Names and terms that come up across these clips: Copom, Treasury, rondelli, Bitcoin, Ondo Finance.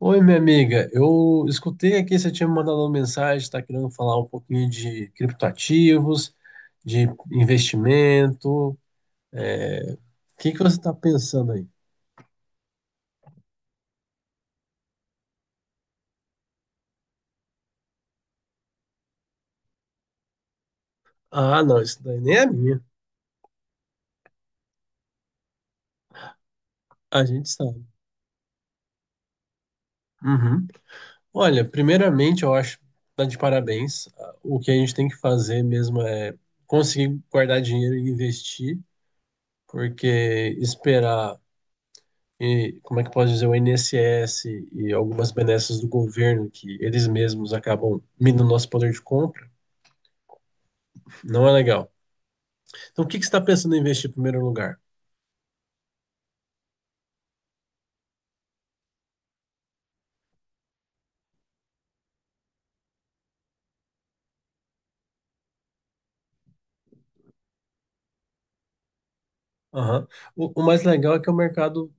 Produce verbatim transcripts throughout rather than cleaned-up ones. Oi, minha amiga. Eu escutei aqui, você tinha me mandado uma mensagem, está querendo falar um pouquinho de criptoativos, de investimento. O que que você está pensando aí? Ah, não, isso daí nem é minha. A gente sabe. Uhum. Olha, primeiramente, eu acho que tá de parabéns. O que a gente tem que fazer mesmo é conseguir guardar dinheiro e investir, porque esperar e como é que pode dizer, o I N S S e algumas benesses do governo que eles mesmos acabam minando nosso poder de compra, não é legal. Então, o que que você está pensando em investir em primeiro lugar? Aham. O, o mais legal é que é um mercado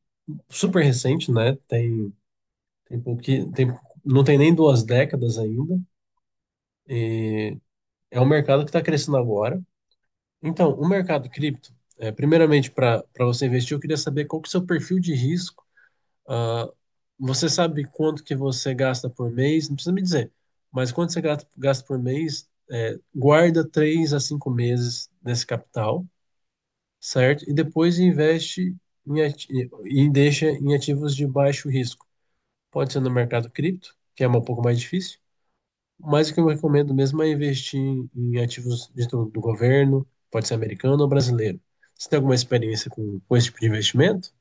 super recente, né? Tem, tem pouqui- tem, não tem nem duas décadas ainda, e é um mercado que está crescendo agora. Então, o mercado cripto, é, primeiramente, para para você investir, eu queria saber qual que é o seu perfil de risco. Ah, você sabe quanto que você gasta por mês? Não precisa me dizer, mas quanto você gasta, gasta por mês? Guarda três a cinco meses desse capital, certo? E depois investe em ati- e deixa em ativos de baixo risco. Pode ser no mercado cripto, que é um pouco mais difícil, mas o que eu recomendo mesmo é investir em ativos de, do, do governo, pode ser americano ou brasileiro. Você tem alguma experiência com, com esse tipo de investimento?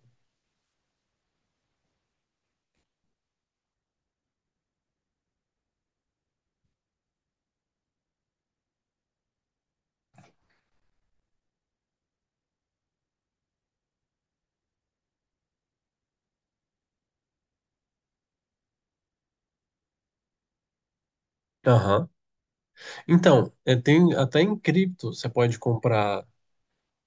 Aham. Então, é, tem até em cripto você pode comprar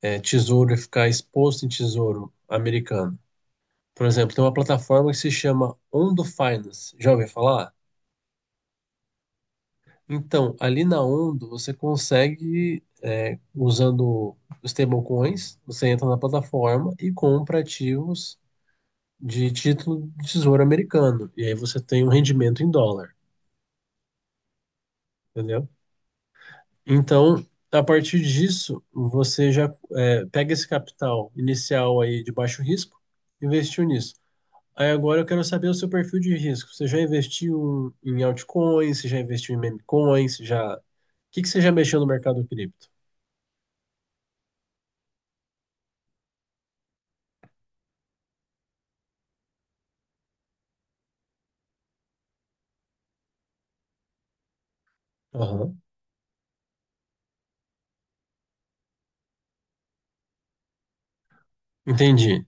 é, tesouro e ficar exposto em tesouro americano. Por exemplo, tem uma plataforma que se chama Ondo Finance. Já ouviu falar? Então, ali na Ondo você consegue, é, usando os stablecoins, você entra na plataforma e compra ativos de título de tesouro americano. E aí você tem um rendimento em dólar, entendeu? Então, a partir disso, você já é, pega esse capital inicial aí de baixo risco, investiu nisso. Aí agora eu quero saber o seu perfil de risco. Você já investiu em altcoins? Você já investiu em memecoins? Você já... O que que você já mexeu no mercado cripto? Aham, entendi.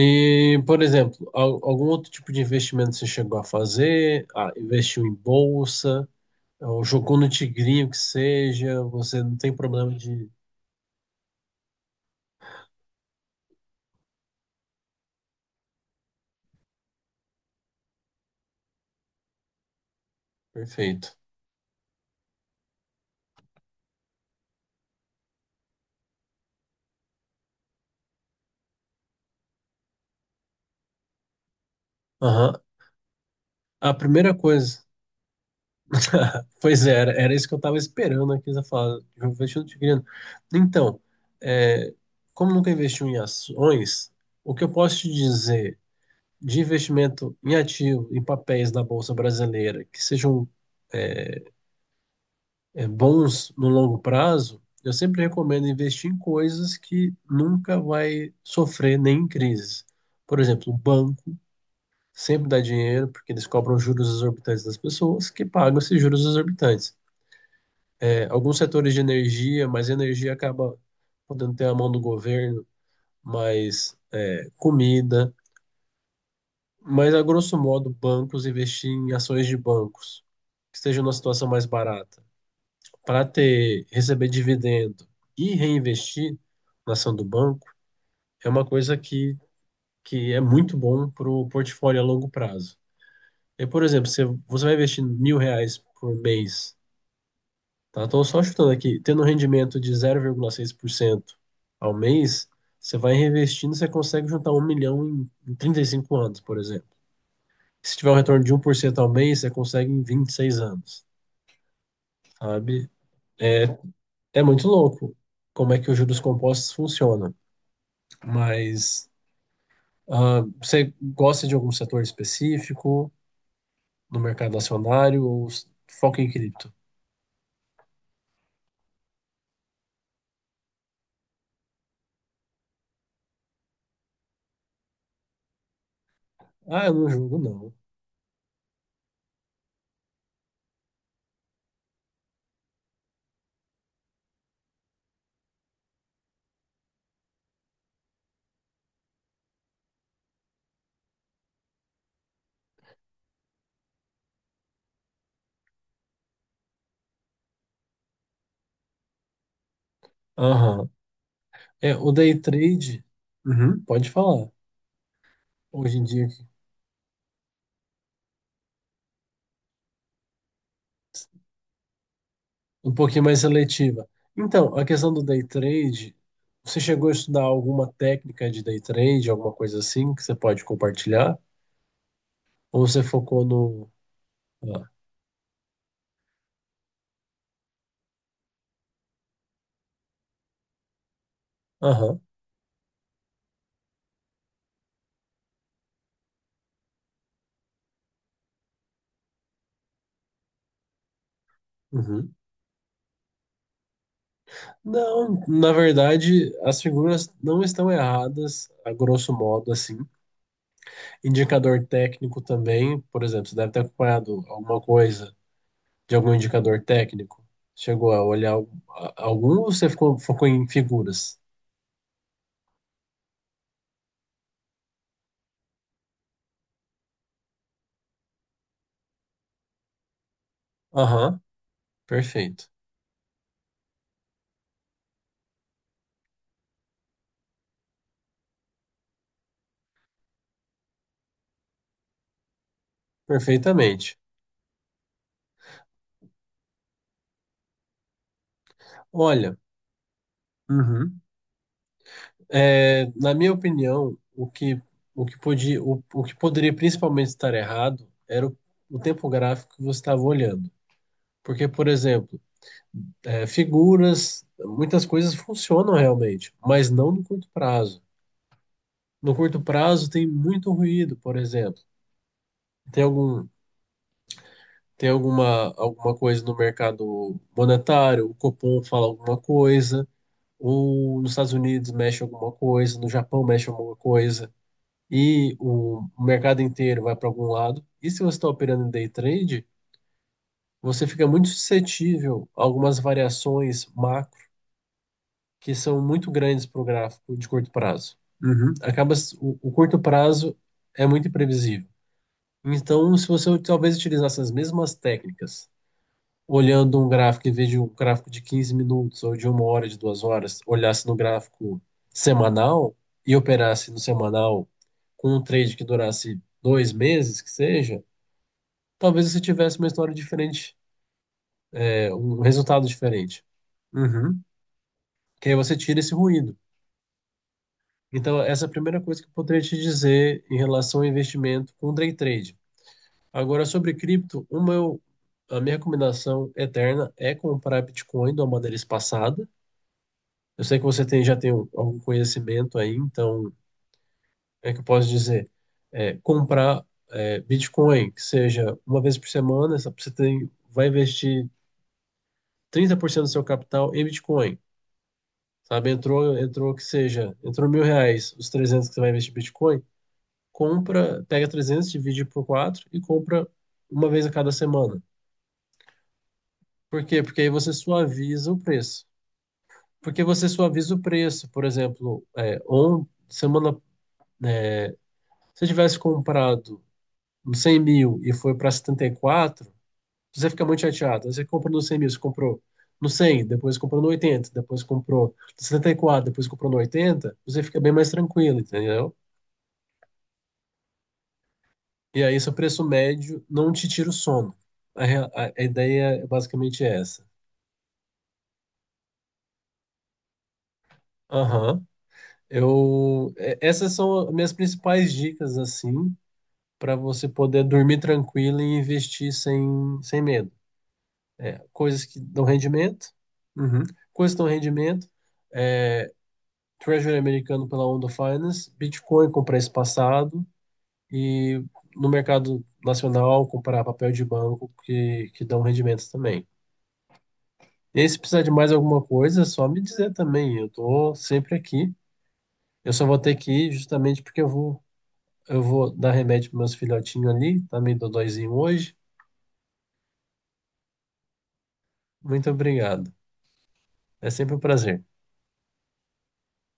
E, por exemplo, al- algum outro tipo de investimento você chegou a fazer? Ah, investiu em bolsa, ou jogou no tigrinho que seja, você não tem problema de... Perfeito. Aham. A primeira coisa, pois é, era, era isso que eu estava esperando aqui, você falar, eu investi no Tigreano. Então, é, como nunca investiu em ações, o que eu posso te dizer de investimento em ativo, em papéis da Bolsa Brasileira, que sejam é, bons no longo prazo, eu sempre recomendo investir em coisas que nunca vai sofrer nem em crise. Por exemplo, o banco sempre dá dinheiro, porque eles cobram juros exorbitantes das pessoas, que pagam esses juros exorbitantes. É, alguns setores de energia, mas energia acaba podendo ter a mão do governo, mas é, comida, mas a grosso modo bancos investir em ações de bancos que estejam numa situação mais barata para ter receber dividendo e reinvestir na ação do banco é uma coisa que que é muito bom para o portfólio a longo prazo. E, por exemplo, se você vai investir mil reais por mês. Tá? Estou só chutando aqui. Tendo um rendimento de zero vírgula seis por cento ao mês, você vai reinvestindo, você consegue juntar um milhão em em trinta e cinco anos, por exemplo. Se tiver um retorno de um por cento ao mês, você consegue em vinte e seis anos, sabe? É, é muito louco como é que os juros compostos funcionam. Mas ah, você gosta de algum setor específico no mercado acionário ou s- foca em cripto? Ah, eu não julgo, não. Aham. É, o day trade. Uhum, pode falar. Hoje em dia que- um pouquinho mais seletiva. Então, a questão do day trade, você chegou a estudar alguma técnica de day trade, alguma coisa assim que você pode compartilhar? Ou você focou no. Ah, aham. Uhum. Não, na verdade, as figuras não estão erradas, a grosso modo, assim. Indicador técnico também, por exemplo, você deve ter acompanhado alguma coisa de algum indicador técnico. Chegou a olhar al- a- algum ou você ficou, focou em figuras? Aham, perfeito. Perfeitamente. Olha, uhum. É, na minha opinião, o que, o que podia, o, o que poderia principalmente estar errado era o, o tempo gráfico que você estava olhando. Porque, por exemplo, é, figuras, muitas coisas funcionam realmente, mas não no curto prazo. No curto prazo tem muito ruído, por exemplo. Tem algum, tem alguma, alguma coisa no mercado monetário, o Copom fala alguma coisa um, nos Estados Unidos mexe alguma coisa, no Japão mexe alguma coisa, e o mercado inteiro vai para algum lado. E se você está operando em day trade, você fica muito suscetível a algumas variações macro que são muito grandes para o gráfico de curto prazo. Uhum. Acaba, o, o curto prazo é muito imprevisível. Então, se você talvez utilizasse as mesmas técnicas olhando um gráfico, em vez de um gráfico de quinze minutos ou de uma hora, de duas horas, olhasse no gráfico semanal e operasse no semanal com um trade que durasse dois meses, que seja, talvez você tivesse uma história diferente, é, um resultado diferente. Uhum. Que aí você tira esse ruído. Então, essa é a primeira coisa que eu poderia te dizer em relação ao investimento com day trade. Agora, sobre cripto, uma, eu- a minha recomendação eterna é comprar Bitcoin de uma maneira espaçada. Eu sei que você tem, já tem o- algum conhecimento aí, então, é que eu posso dizer, é, comprar é, Bitcoin, que seja uma vez por semana, essa- você tem, vai investir trinta por cento do seu capital em Bitcoin, sabe? Entrou, entrou que seja, entrou mil reais, os trezentos que você vai investir em Bitcoin, compra, pega trezentos, divide por quatro e compra uma vez a cada semana. Por quê? Porque aí você suaviza o preço. Porque você suaviza o preço, por exemplo, é, on, semana, se você tivesse comprado no cem mil e foi para setenta e quatro você fica muito chateado. Você comprou no cem mil, você comprou no cem depois comprou no oitenta depois comprou no setenta e quatro depois comprou no oitenta você fica bem mais tranquilo, entendeu? E aí seu preço médio não te tira o sono. A, rea- a- a ideia é basicamente essa. Aham. Eu, é- essas são as minhas principais dicas, assim, para você poder dormir tranquilo e investir sem, sem medo. É, coisas que dão rendimento. Uhum. Coisas que dão rendimento, é, Treasury americano pela Ondo Finance, Bitcoin com preço passado e no mercado nacional comprar papel de banco que, que dão rendimentos também. E aí, se precisar de mais alguma coisa, é só me dizer também, eu tô sempre aqui. Eu só vou ter que ir justamente porque eu vou, eu vou dar remédio para meus filhotinhos ali, tá meio dodóizinho hoje. Muito obrigado. É sempre um prazer.